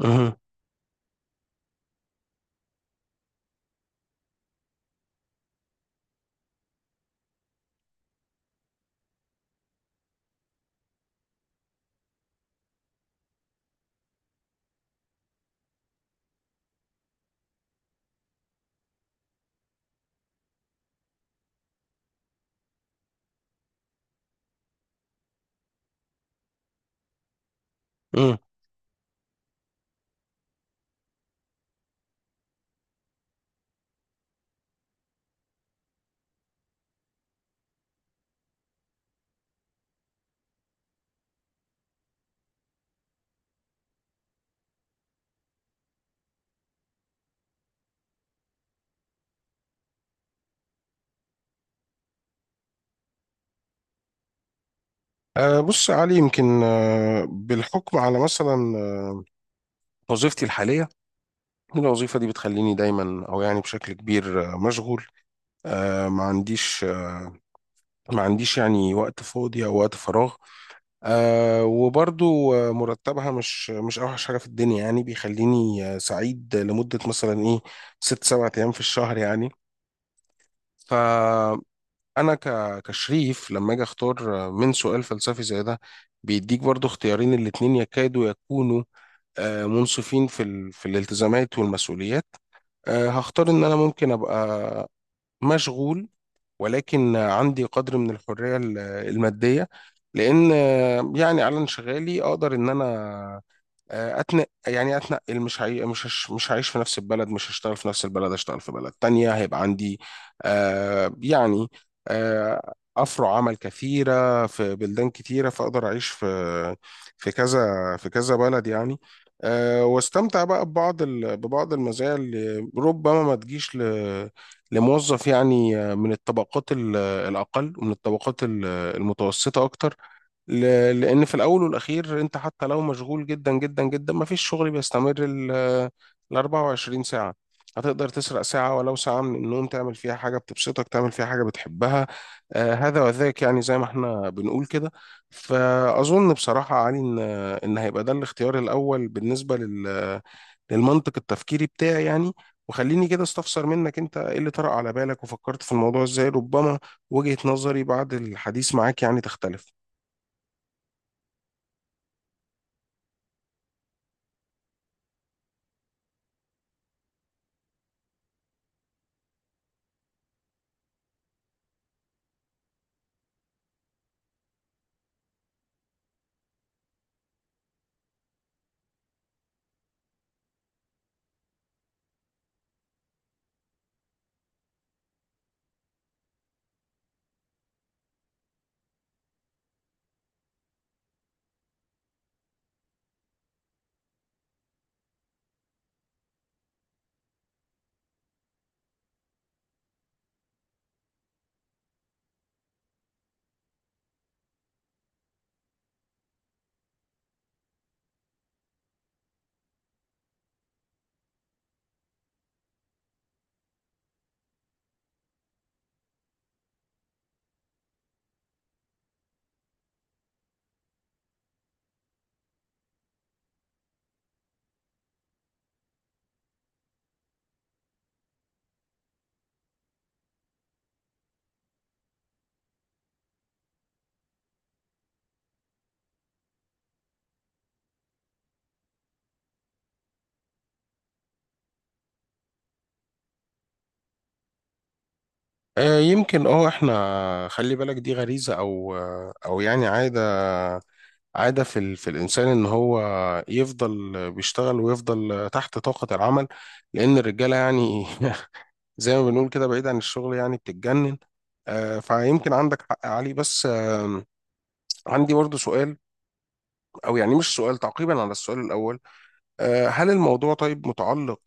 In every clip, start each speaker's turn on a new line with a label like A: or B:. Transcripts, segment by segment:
A: مه. مه. بص يا علي، يمكن بالحكم على مثلا وظيفتي الحالية. الوظيفة دي بتخليني دايما، أو يعني بشكل كبير مشغول. آه، ما عنديش آه، ما عنديش يعني وقت فاضي أو وقت فراغ. وبرضو مرتبها مش أوحش حاجة في الدنيا، يعني بيخليني سعيد لمدة مثلا إيه ست سبع أيام في الشهر يعني. ف انا ك... كشريف لما اجي اختار من سؤال فلسفي زي ده، بيديك برضو اختيارين، الاتنين يكادوا يكونوا منصفين في الالتزامات والمسؤوليات. هختار ان انا ممكن ابقى مشغول، ولكن عندي قدر من الحرية المادية، لان يعني على انشغالي اقدر ان انا اتنقل. يعني اتنقل، مش هعيش في نفس البلد، مش هشتغل في نفس البلد، هشتغل في بلد تانية، هيبقى عندي آه يعني افرع عمل كثيرة في بلدان كتيرة، فاقدر اعيش في كذا في كذا بلد يعني. واستمتع بقى ببعض المزايا اللي ربما ما تجيش لموظف، يعني من الطبقات الاقل، ومن الطبقات المتوسطة اكتر. لأن في الأول والأخير، أنت حتى لو مشغول جدا جدا جدا، مفيش شغل بيستمر ال 24 ساعة. هتقدر تسرق ساعة، ولو ساعة من النوم، تعمل فيها حاجة بتبسطك، تعمل فيها حاجة بتحبها. هذا وذاك، يعني زي ما احنا بنقول كده. فأظن بصراحة يا علي إن هيبقى ده الاختيار الأول بالنسبة للمنطق التفكيري بتاعي يعني. وخليني كده استفسر منك، انت ايه اللي طرأ على بالك وفكرت في الموضوع ازاي؟ ربما وجهة نظري بعد الحديث معاك يعني تختلف. يمكن احنا خلي بالك دي غريزة او يعني عادة في الانسان ان هو يفضل بيشتغل، ويفضل تحت طاقة العمل، لان الرجالة يعني زي ما بنقول كده، بعيد عن الشغل يعني بتتجنن. فيمكن عندك حق علي، بس عندي برضو سؤال، او يعني مش سؤال، تعقيبا على السؤال الاول. هل الموضوع طيب متعلق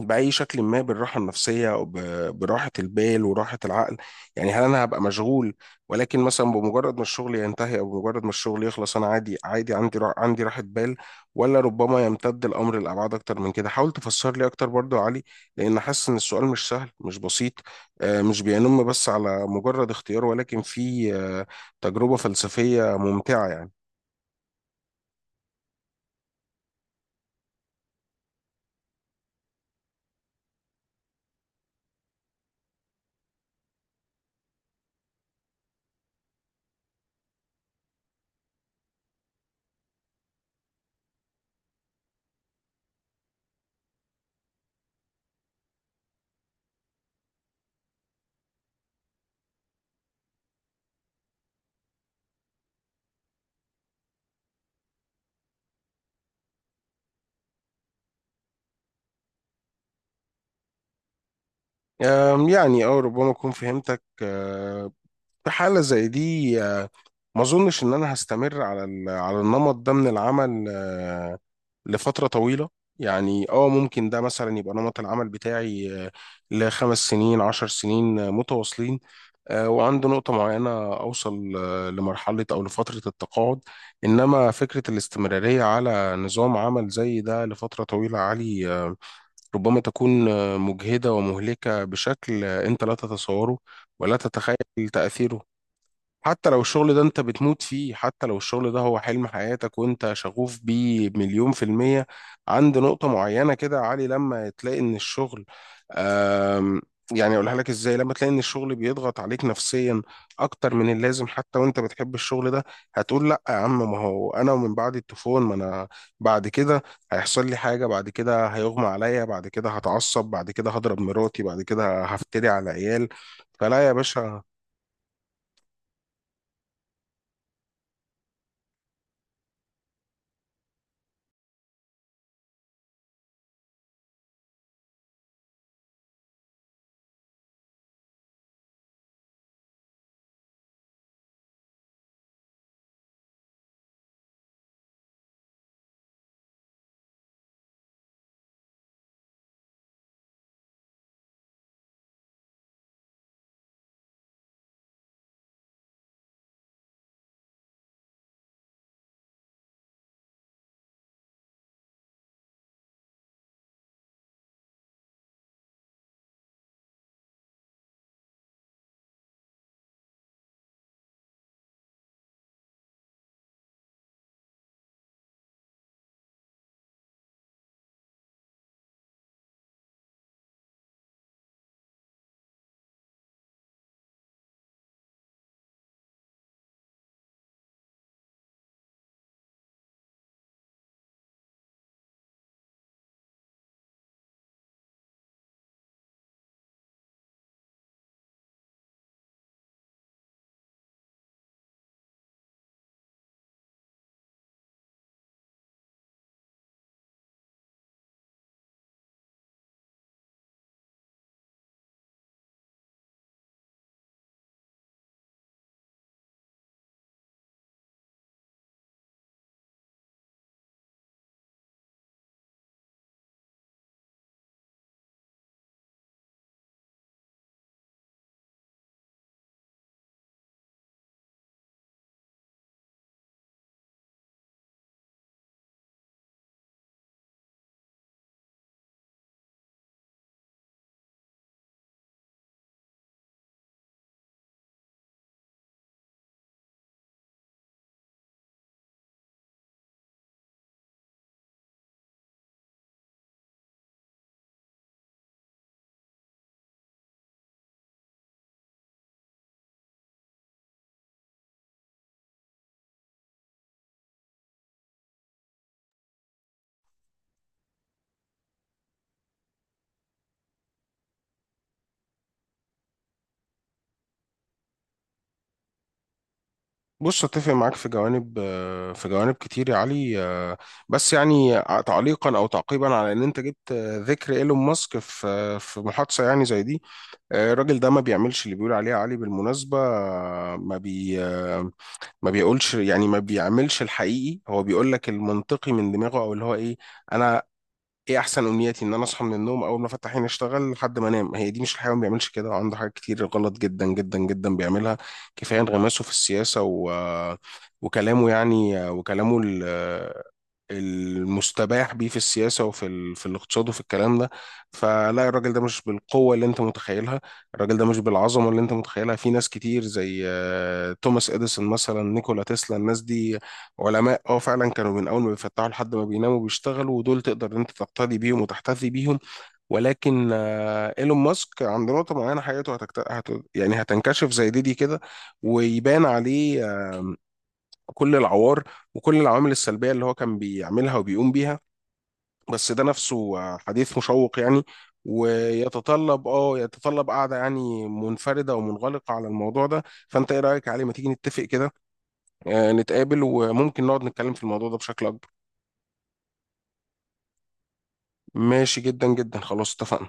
A: بأي شكل ما بالراحة النفسية، أو براحة البال وراحة العقل؟ يعني هل أنا هبقى مشغول، ولكن مثلا بمجرد ما الشغل ينتهي أو بمجرد ما الشغل يخلص أنا عادي عادي عندي عندي راحة بال؟ ولا ربما يمتد الأمر لأبعاد أكتر من كده؟ حاول تفسر لي أكتر برضو يا علي، لأن حاسس إن السؤال مش سهل، مش بسيط. مش بينم بس على مجرد اختيار، ولكن في تجربة فلسفية ممتعة يعني. يعني أو ربما أكون فهمتك. في حالة زي دي ما اظنش ان انا هستمر على النمط ده من العمل لفترة طويلة. يعني ممكن ده مثلا يبقى نمط العمل بتاعي لخمس سنين عشر سنين متواصلين. وعند نقطة معينة أوصل لمرحلة أو لفترة التقاعد. إنما فكرة الاستمرارية على نظام عمل زي ده لفترة طويلة عالي، ربما تكون مجهدة ومهلكة بشكل أنت لا تتصوره ولا تتخيل تأثيره. حتى لو الشغل ده انت بتموت فيه، حتى لو الشغل ده هو حلم حياتك وانت شغوف بيه مليون في المية، عند نقطة معينة كده يا علي لما تلاقي ان الشغل... آم، يعني اقولها لك ازاي، لما تلاقي ان الشغل بيضغط عليك نفسيا اكتر من اللازم، حتى وانت بتحب الشغل ده، هتقول لا يا عم. ما هو انا ومن بعد التفون ما انا بعد كده هيحصل لي حاجة، بعد كده هيغمى عليا، بعد كده هتعصب، بعد كده هضرب مراتي، بعد كده هفتري على عيال. فلا يا باشا. بص، اتفق معاك في جوانب كتير يا علي. بس يعني تعليقا او تعقيبا على ان انت جبت ذكر ايلون ماسك في محادثه يعني زي دي، الراجل ده ما بيعملش اللي بيقول عليه يا علي، بالمناسبه. ما بي ما بيقولش، يعني ما بيعملش الحقيقي. هو بيقول لك المنطقي من دماغه، او اللي هو ايه: انا، ايه احسن امنياتي؟ ان انا اصحى من النوم، اول ما افتح عيني اشتغل لحد ما انام. هي دي؟ مش الحيوان ما بيعملش كده. وعنده حاجات كتير غلط جدا جدا جدا بيعملها. كفايه انغماسه في السياسه وكلامه، يعني وكلامه المستباح بيه في السياسة، وفي في الاقتصاد، وفي الكلام ده. فلا، الراجل ده مش بالقوة اللي انت متخيلها، الراجل ده مش بالعظمة اللي انت متخيلها. في ناس كتير زي توماس اديسون مثلا، نيكولا تسلا. الناس دي علماء فعلا، كانوا من اول ما بيفتحوا لحد ما بيناموا بيشتغلوا، ودول تقدر انت تقتدي بيهم وتحتذي بيهم. ولكن ايلون ماسك عند نقطة معينة حياته يعني هتنكشف زي دي كده، ويبان عليه كل العوار وكل العوامل السلبية اللي هو كان بيعملها وبيقوم بيها. بس ده نفسه حديث مشوق يعني، ويتطلب يتطلب قعدة يعني منفردة ومنغلقة على الموضوع ده. فانت ايه رأيك علي؟ ما تيجي نتفق كده نتقابل وممكن نقعد نتكلم في الموضوع ده بشكل اكبر. ماشي جدا جدا. خلاص اتفقنا.